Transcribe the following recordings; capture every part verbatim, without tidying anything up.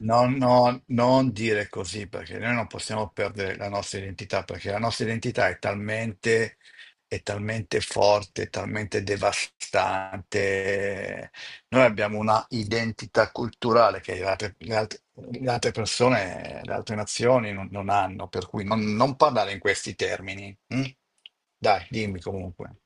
No, no, non dire così perché noi non possiamo perdere la nostra identità, perché la nostra identità è talmente, è talmente forte, è talmente devastante. Noi abbiamo una identità culturale che le altre, le altre- le altre persone, le altre nazioni non, non hanno, per cui non, non parlare in questi termini. Mm? Dai, dimmi comunque.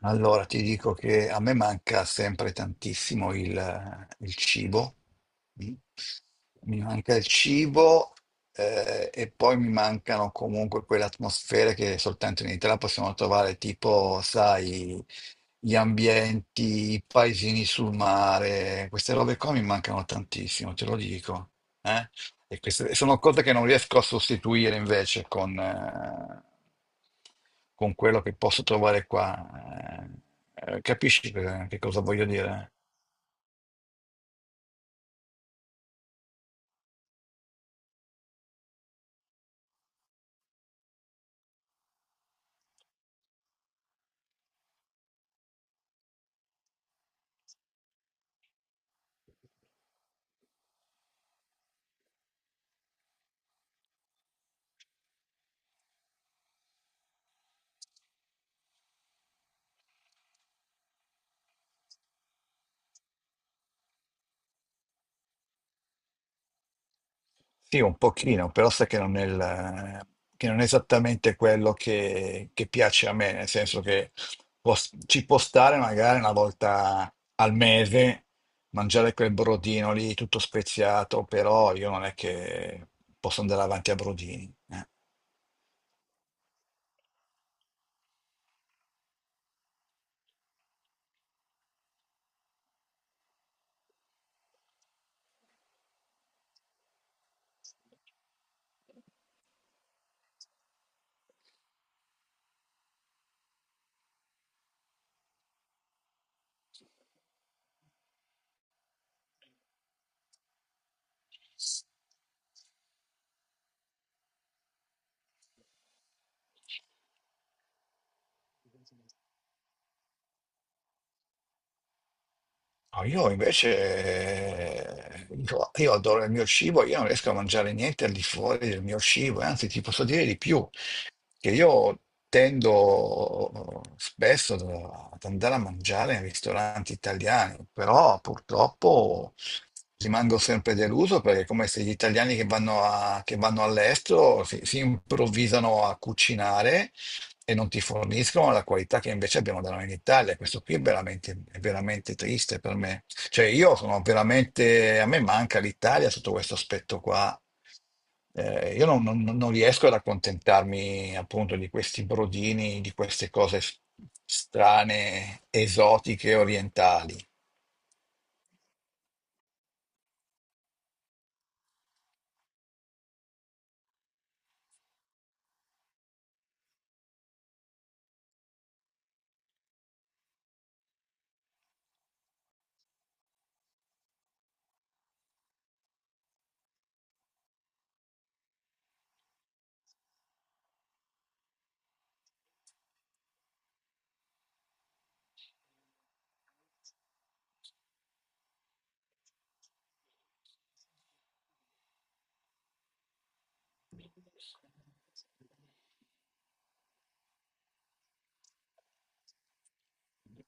Allora, ti dico che a me manca sempre tantissimo il, il cibo. Mm. Mi manca il cibo, eh, e poi mi mancano comunque quelle atmosfere che soltanto in Italia possiamo trovare, tipo, sai, gli ambienti, i paesini sul mare, queste robe qua mi mancano tantissimo, te lo dico. eh. E queste sono cose che non riesco a sostituire invece con, eh, con quello che posso trovare qua. Eh, eh, capisci che, che cosa voglio dire? Sì, un pochino, però sai che non è, il- che non è esattamente quello che, che piace a me, nel senso che può- ci può stare magari una volta al mese mangiare quel brodino lì tutto speziato, però io non è che posso andare avanti a brodini. eh. No, io invece, eh, dico, io adoro il mio cibo, io non riesco a mangiare niente al di fuori del mio cibo, e anzi ti posso dire di più, che io tendo spesso da- ad andare a mangiare in ristoranti italiani, però purtroppo rimango sempre deluso perché è come se gli italiani che vanno, a- che vanno all'estero si, si improvvisano a cucinare e non ti forniscono la qualità che invece abbiamo da noi in Italia. Questo qui è veramente, è veramente triste per me. Cioè, io sono veramente, a me manca l'Italia sotto questo aspetto qua. Eh, io non, non- non riesco ad accontentarmi appunto di questi brodini, di queste cose s- strane, esotiche, orientali.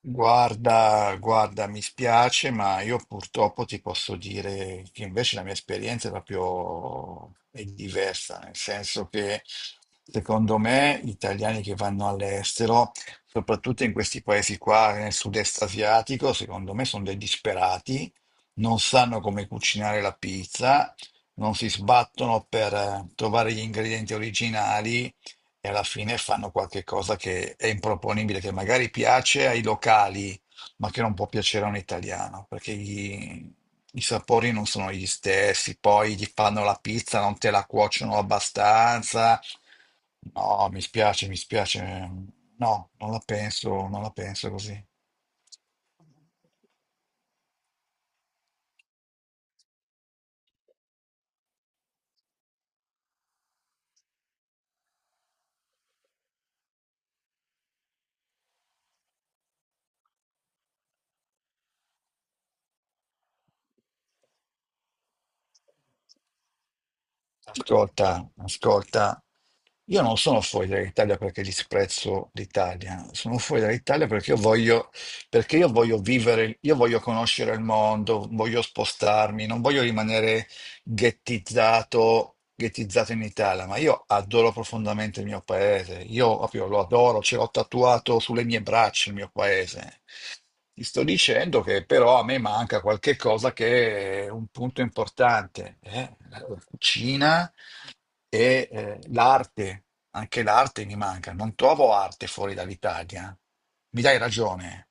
Guarda, guarda, mi spiace, ma io purtroppo ti posso dire che invece la mia esperienza è proprio è diversa, nel senso che secondo me gli italiani che vanno all'estero, soprattutto in questi paesi qua, nel sud-est asiatico, secondo me sono dei disperati, non sanno come cucinare la pizza, non si sbattono per eh, trovare gli ingredienti originali e alla fine fanno qualche cosa che è improponibile, che magari piace ai locali, ma che non può piacere a un italiano, perché gli- i sapori non sono gli stessi, poi gli fanno la pizza, non te la cuociono abbastanza. No, mi spiace, mi spiace. No, non la penso, non la penso così. Ascolta, ascolta, io non sono fuori dall'Italia perché disprezzo l'Italia, sono fuori dall'Italia perché io voglio, perché io voglio vivere, io voglio conoscere il mondo, voglio spostarmi, non voglio rimanere ghettizzato, ghettizzato in Italia, ma io adoro profondamente il mio paese, io proprio lo adoro, ce l'ho tatuato sulle mie braccia il mio paese. Ti sto dicendo che però a me manca qualche cosa che è un punto importante, eh? La cucina e eh, l'arte, anche l'arte mi manca, non trovo arte fuori dall'Italia. Mi dai ragione.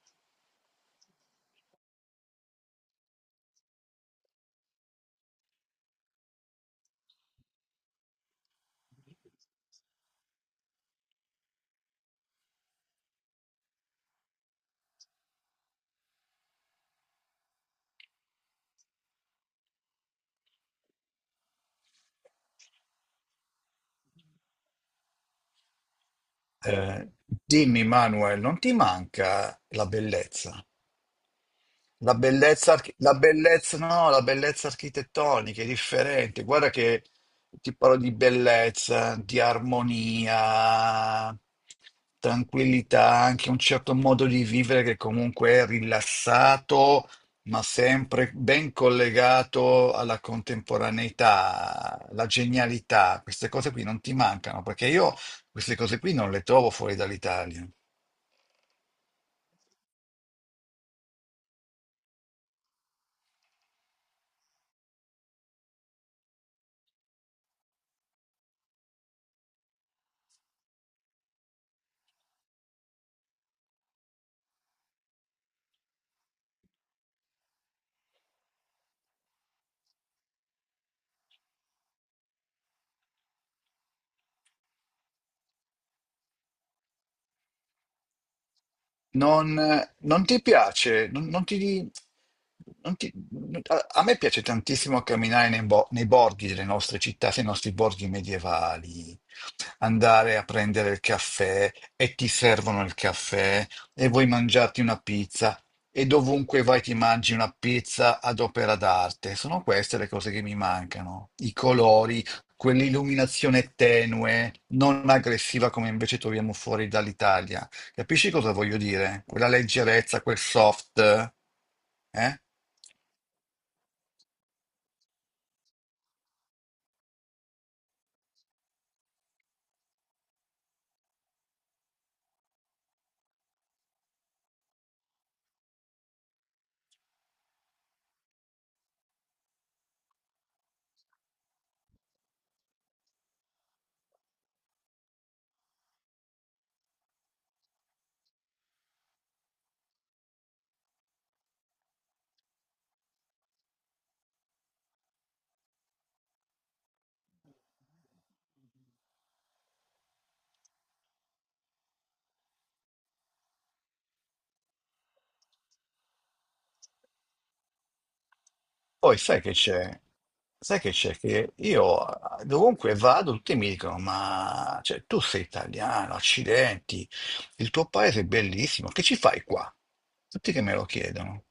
Eh, dimmi, Manuel, non ti manca la bellezza? La bellezza, archi- la bellezza, no, la bellezza architettonica è differente. Guarda che ti parlo di bellezza, di armonia, tranquillità, anche un certo modo di vivere che comunque è rilassato, ma sempre ben collegato alla contemporaneità, la genialità. Queste cose qui non ti mancano, perché io queste cose qui non le trovo fuori dall'Italia. Non, non ti piace, non, non ti, non ti- a, a me piace tantissimo camminare nei, bo- nei borghi delle nostre città, nei nostri borghi medievali, andare a prendere il caffè e ti servono il caffè e vuoi mangiarti una pizza e dovunque vai ti mangi una pizza ad opera d'arte. Sono queste le cose che mi mancano, i colori, quell'illuminazione tenue, non aggressiva come invece troviamo fuori dall'Italia. Capisci cosa voglio dire? Quella leggerezza, quel soft. Eh? Poi sai che c'è? Sai che c'è? Che io, eh, dovunque vado, tutti mi dicono: ma cioè, tu sei italiano, accidenti, il tuo paese è bellissimo, che ci fai qua? Tutti che me lo chiedono.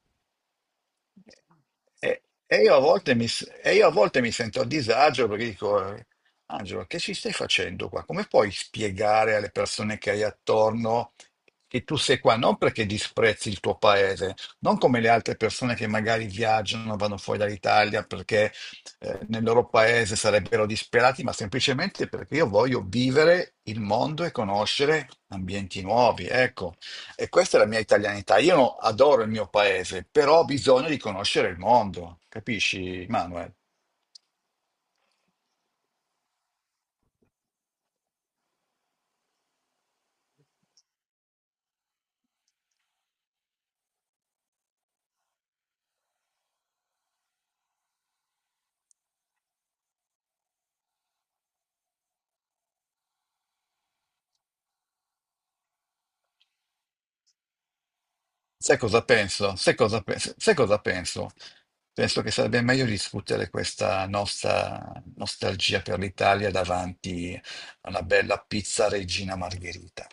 E, e io a volte mi, s- e io a volte mi sento a disagio perché dico, eh, Angelo, che ci stai facendo qua? Come puoi spiegare alle persone che hai attorno che tu sei qua? Non perché disprezzi il tuo paese, non come le altre persone che magari viaggiano, vanno fuori dall'Italia perché eh, nel loro paese sarebbero disperati, ma semplicemente perché io voglio vivere il mondo e conoscere ambienti nuovi. Ecco. E questa è la mia italianità. Io no- Adoro il mio paese, però ho bisogno di conoscere il mondo, capisci, Manuel? Sai cosa penso? Sai cosa penso? Sai cosa penso? Penso che sarebbe meglio discutere questa nostra nostalgia per l'Italia davanti a una bella pizza Regina Margherita.